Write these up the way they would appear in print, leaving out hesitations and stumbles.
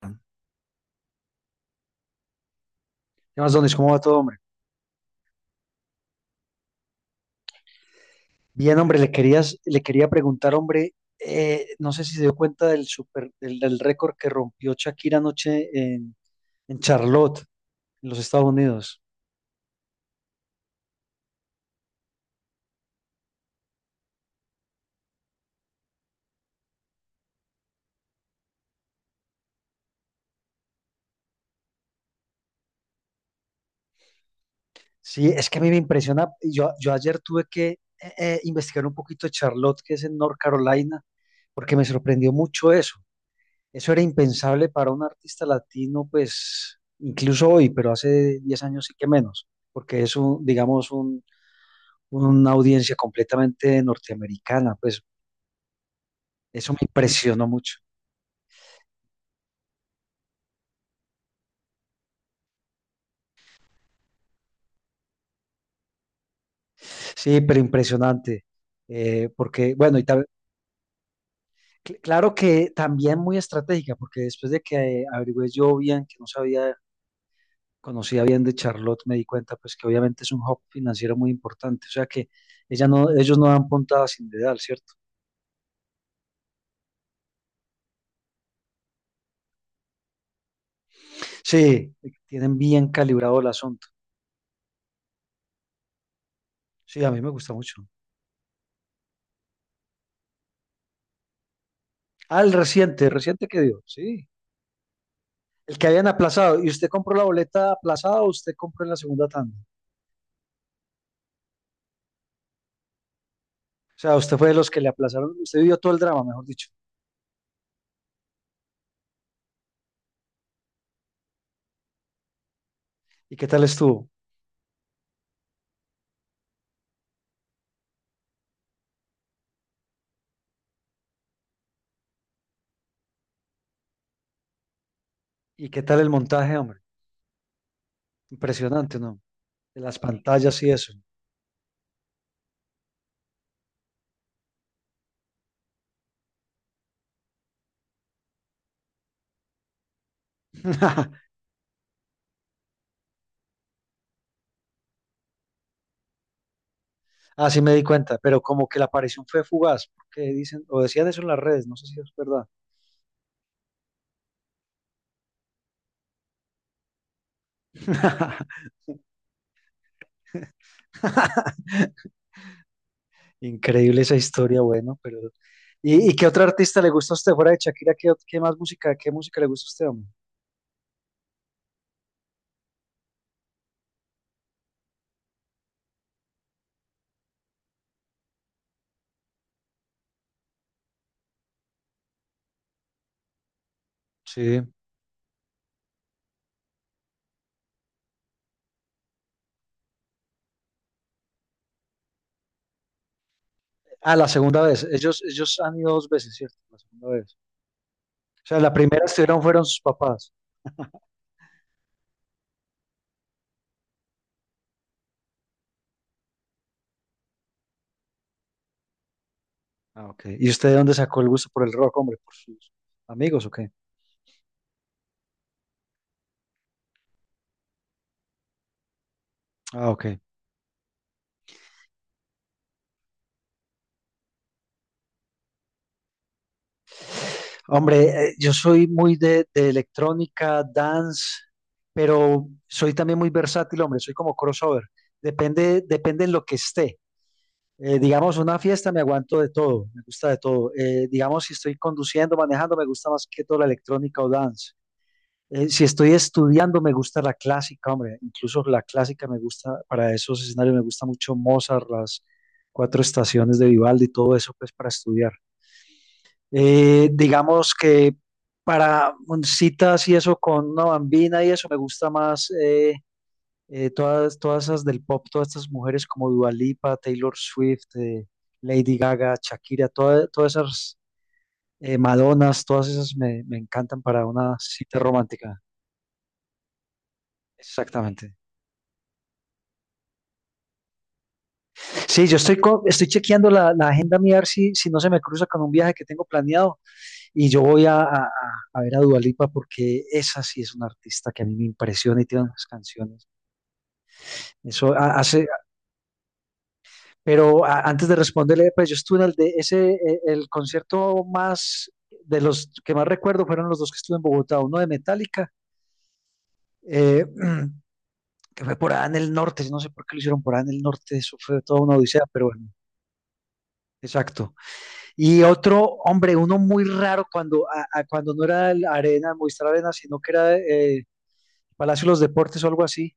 ¿Qué más, Donis? ¿Cómo va todo, hombre? Bien, hombre, le quería preguntar, hombre, no sé si se dio cuenta del récord que rompió Shakira anoche en Charlotte, en los Estados Unidos. Sí, es que a mí me impresiona. Yo ayer tuve que investigar un poquito de Charlotte, que es en North Carolina, porque me sorprendió mucho eso. Eso era impensable para un artista latino, pues, incluso hoy, pero hace 10 años sí que menos, porque es un, digamos, una audiencia completamente norteamericana, pues eso me impresionó mucho. Sí, pero impresionante, porque, bueno, claro que también muy estratégica, porque después de que averigüé yo bien, que no sabía, conocía bien de Charlotte, me di cuenta, pues que obviamente es un hub financiero muy importante, o sea que ella no, ellos no dan puntada sin dedal, ¿cierto? Sí, tienen bien calibrado el asunto. Sí, a mí me gusta mucho. Ah, el reciente que dio, sí. El que habían aplazado. ¿Y usted compró la boleta aplazada o usted compró en la segunda tanda? O sea, usted fue de los que le aplazaron. Usted vivió todo el drama, mejor dicho. ¿Y qué tal estuvo? ¿Y qué tal el montaje, hombre? Impresionante, ¿no? De las pantallas y eso. Así me di cuenta, pero como que la aparición fue fugaz, porque dicen, o decían eso en las redes, no sé si es verdad. Increíble esa historia, bueno, pero... ¿Y qué otro artista le gusta a usted fuera de Shakira? ¿Qué más música, qué música le gusta a usted, hombre? Sí. Ah, la segunda vez. Ellos han ido dos veces, ¿cierto? La segunda vez. O sea, la primera estuvieron fueron sus papás. Ah, ok. ¿Y usted de dónde sacó el gusto por el rock, hombre? ¿Por sus amigos o qué? Ah, ok. Hombre, yo soy muy de electrónica, dance, pero soy también muy versátil, hombre. Soy como crossover. Depende en lo que esté. Digamos, una fiesta me aguanto de todo, me gusta de todo. Digamos, si estoy conduciendo, manejando, me gusta más que todo la electrónica o dance. Si estoy estudiando, me gusta la clásica, hombre, incluso la clásica me gusta, para esos escenarios me gusta mucho Mozart, las cuatro estaciones de Vivaldi y todo eso, pues para estudiar. Digamos que para citas y eso con una bambina y eso me gusta más todas esas del pop, todas estas mujeres como Dua Lipa, Taylor Swift, Lady Gaga, Shakira, todas esas Madonas, todas esas me encantan para una cita romántica. Exactamente. Sí, estoy chequeando la agenda mía a ver si, si no se me cruza con un viaje que tengo planeado y yo voy a ver a Dua Lipa porque esa sí es una artista que a mí me impresiona y tiene unas canciones. Eso ha- hace, pero antes de responderle, pues yo estuve en el de ese, de los que más recuerdo fueron los dos que estuve en Bogotá, uno de Metallica, eh, que fue por allá en el norte, no sé por qué lo hicieron por allá en el norte, eso fue toda una odisea, pero bueno, exacto. Y otro, hombre, uno muy raro cuando, cuando no era Movistar Arena, sino que era Palacio de los Deportes o algo así,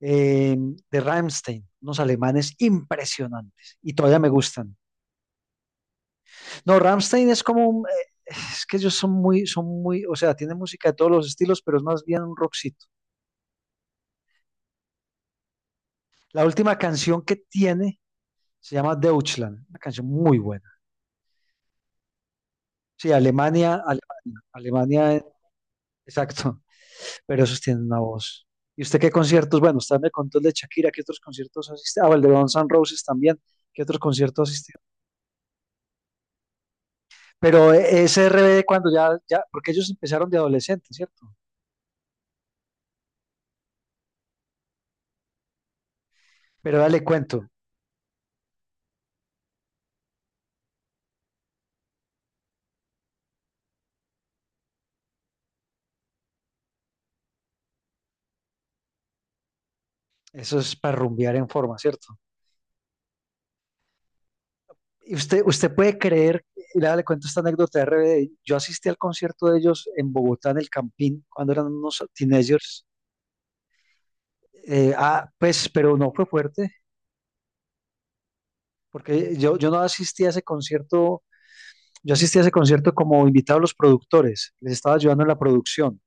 eh, de Rammstein, unos alemanes impresionantes y todavía me gustan. No, Rammstein es como un, es que ellos son muy, o sea, tienen música de todos los estilos, pero es más bien un rockcito. La última canción que tiene se llama Deutschland, una canción muy buena. Sí, Alemania, exacto. Pero esos tienen una voz. ¿Y usted qué conciertos? Bueno, usted me contó el de Shakira, ¿qué otros conciertos asiste? Ah, el de Guns N' Roses también, ¿qué otros conciertos asiste? Pero SRB cuando ya, porque ellos empezaron de adolescentes, ¿cierto? Pero dale cuento, eso es para rumbear en forma, ¿cierto? Y usted puede creer, y dale cuento esta anécdota de RBD, yo asistí al concierto de ellos en Bogotá, en el Campín, cuando eran unos teenagers, pues, pero no fue fuerte, porque yo no asistí a ese concierto. Yo asistí a ese concierto como invitado a los productores, les estaba ayudando en la producción.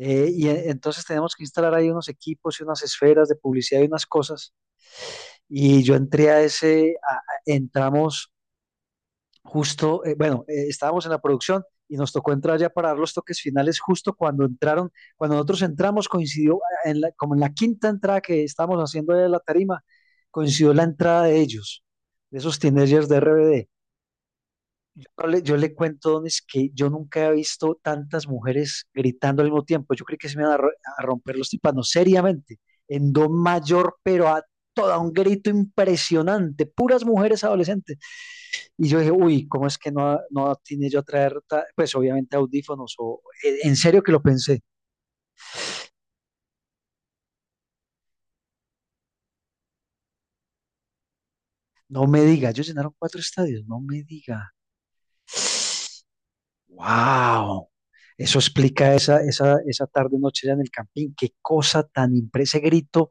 Entonces tenemos que instalar ahí unos equipos y unas esferas de publicidad y unas cosas. Y yo entré a ese, a- entramos justo, estábamos en la producción y nos tocó entrar ya para dar los toques finales justo cuando entraron, cuando nosotros entramos coincidió como en la quinta entrada que estábamos haciendo de la tarima, coincidió la entrada de ellos, de esos teenagers de RBD. No le- yo le cuento, Donis, que yo nunca he visto tantas mujeres gritando al mismo tiempo. Yo creí que se me iban a, ro- a romper los tímpanos, seriamente, en do mayor, pero a toda un grito impresionante, puras mujeres adolescentes. Y yo dije, uy, ¿cómo es que no tiene yo a traer, pues obviamente audífonos? O, en serio que lo pensé. No me diga, ellos llenaron cuatro estadios, no me diga. ¡Wow! Eso explica esa tarde, noche allá en el campín. Qué cosa tan impresionante, grito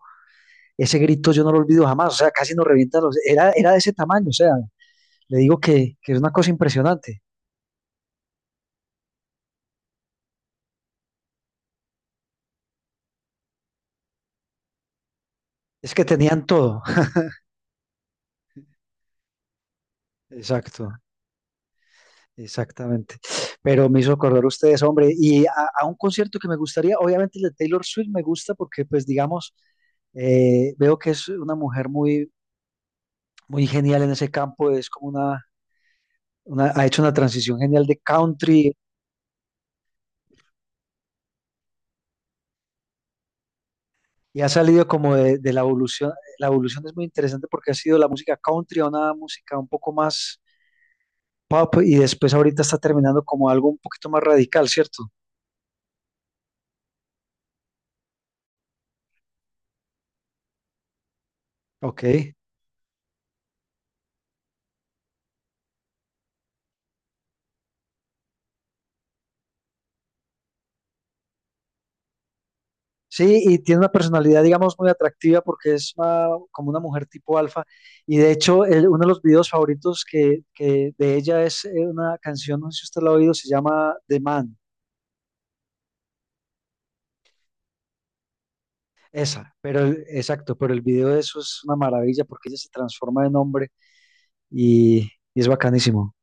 ese grito yo no lo olvido jamás, o sea, casi nos revienta los... era de ese tamaño, o sea, le digo que es una cosa impresionante. Es que tenían todo. Exacto, exactamente. Pero me hizo acordar ustedes, hombre, a un concierto que me gustaría, obviamente el de Taylor Swift me gusta porque, pues, digamos, veo que es una mujer muy genial en ese campo, es como una, ha hecho una transición genial de country y ha salido como de la evolución. La evolución es muy interesante porque ha sido la música country a una música un poco más pop y después ahorita está terminando como algo un poquito más radical, ¿cierto? Ok. Sí, y tiene una personalidad, digamos, muy atractiva porque como una mujer tipo alfa. Y de hecho, uno de los videos favoritos que de ella es una canción, no sé si usted la ha oído, se llama The Man. Esa, pero pero el video de eso es una maravilla porque ella se transforma en hombre y es bacanísimo.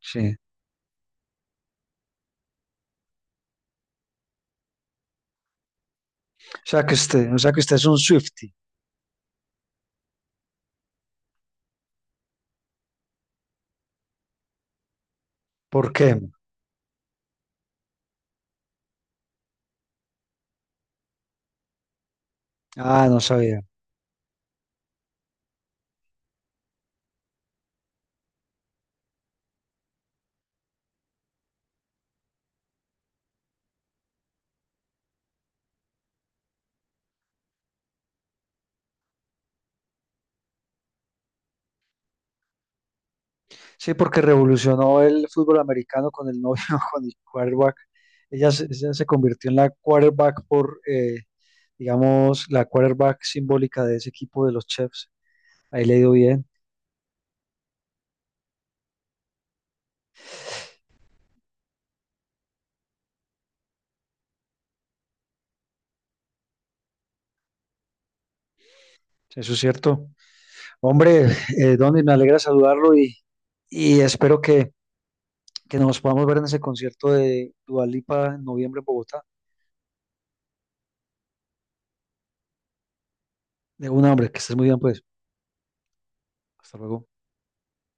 Sí. O sea que usted es un Swiftie. ¿Por qué? Ah, no sabía. Sí, porque revolucionó el fútbol americano con el novio, con el quarterback. Ella se convirtió en la quarterback por, digamos, la quarterback simbólica de ese equipo de los Chiefs. Ahí le ha bien, eso es cierto. Hombre, Donny, me alegra saludarlo y espero que nos podamos ver en ese concierto de Dua Lipa en noviembre en Bogotá. De un hombre, que estés muy bien, pues. Hasta luego.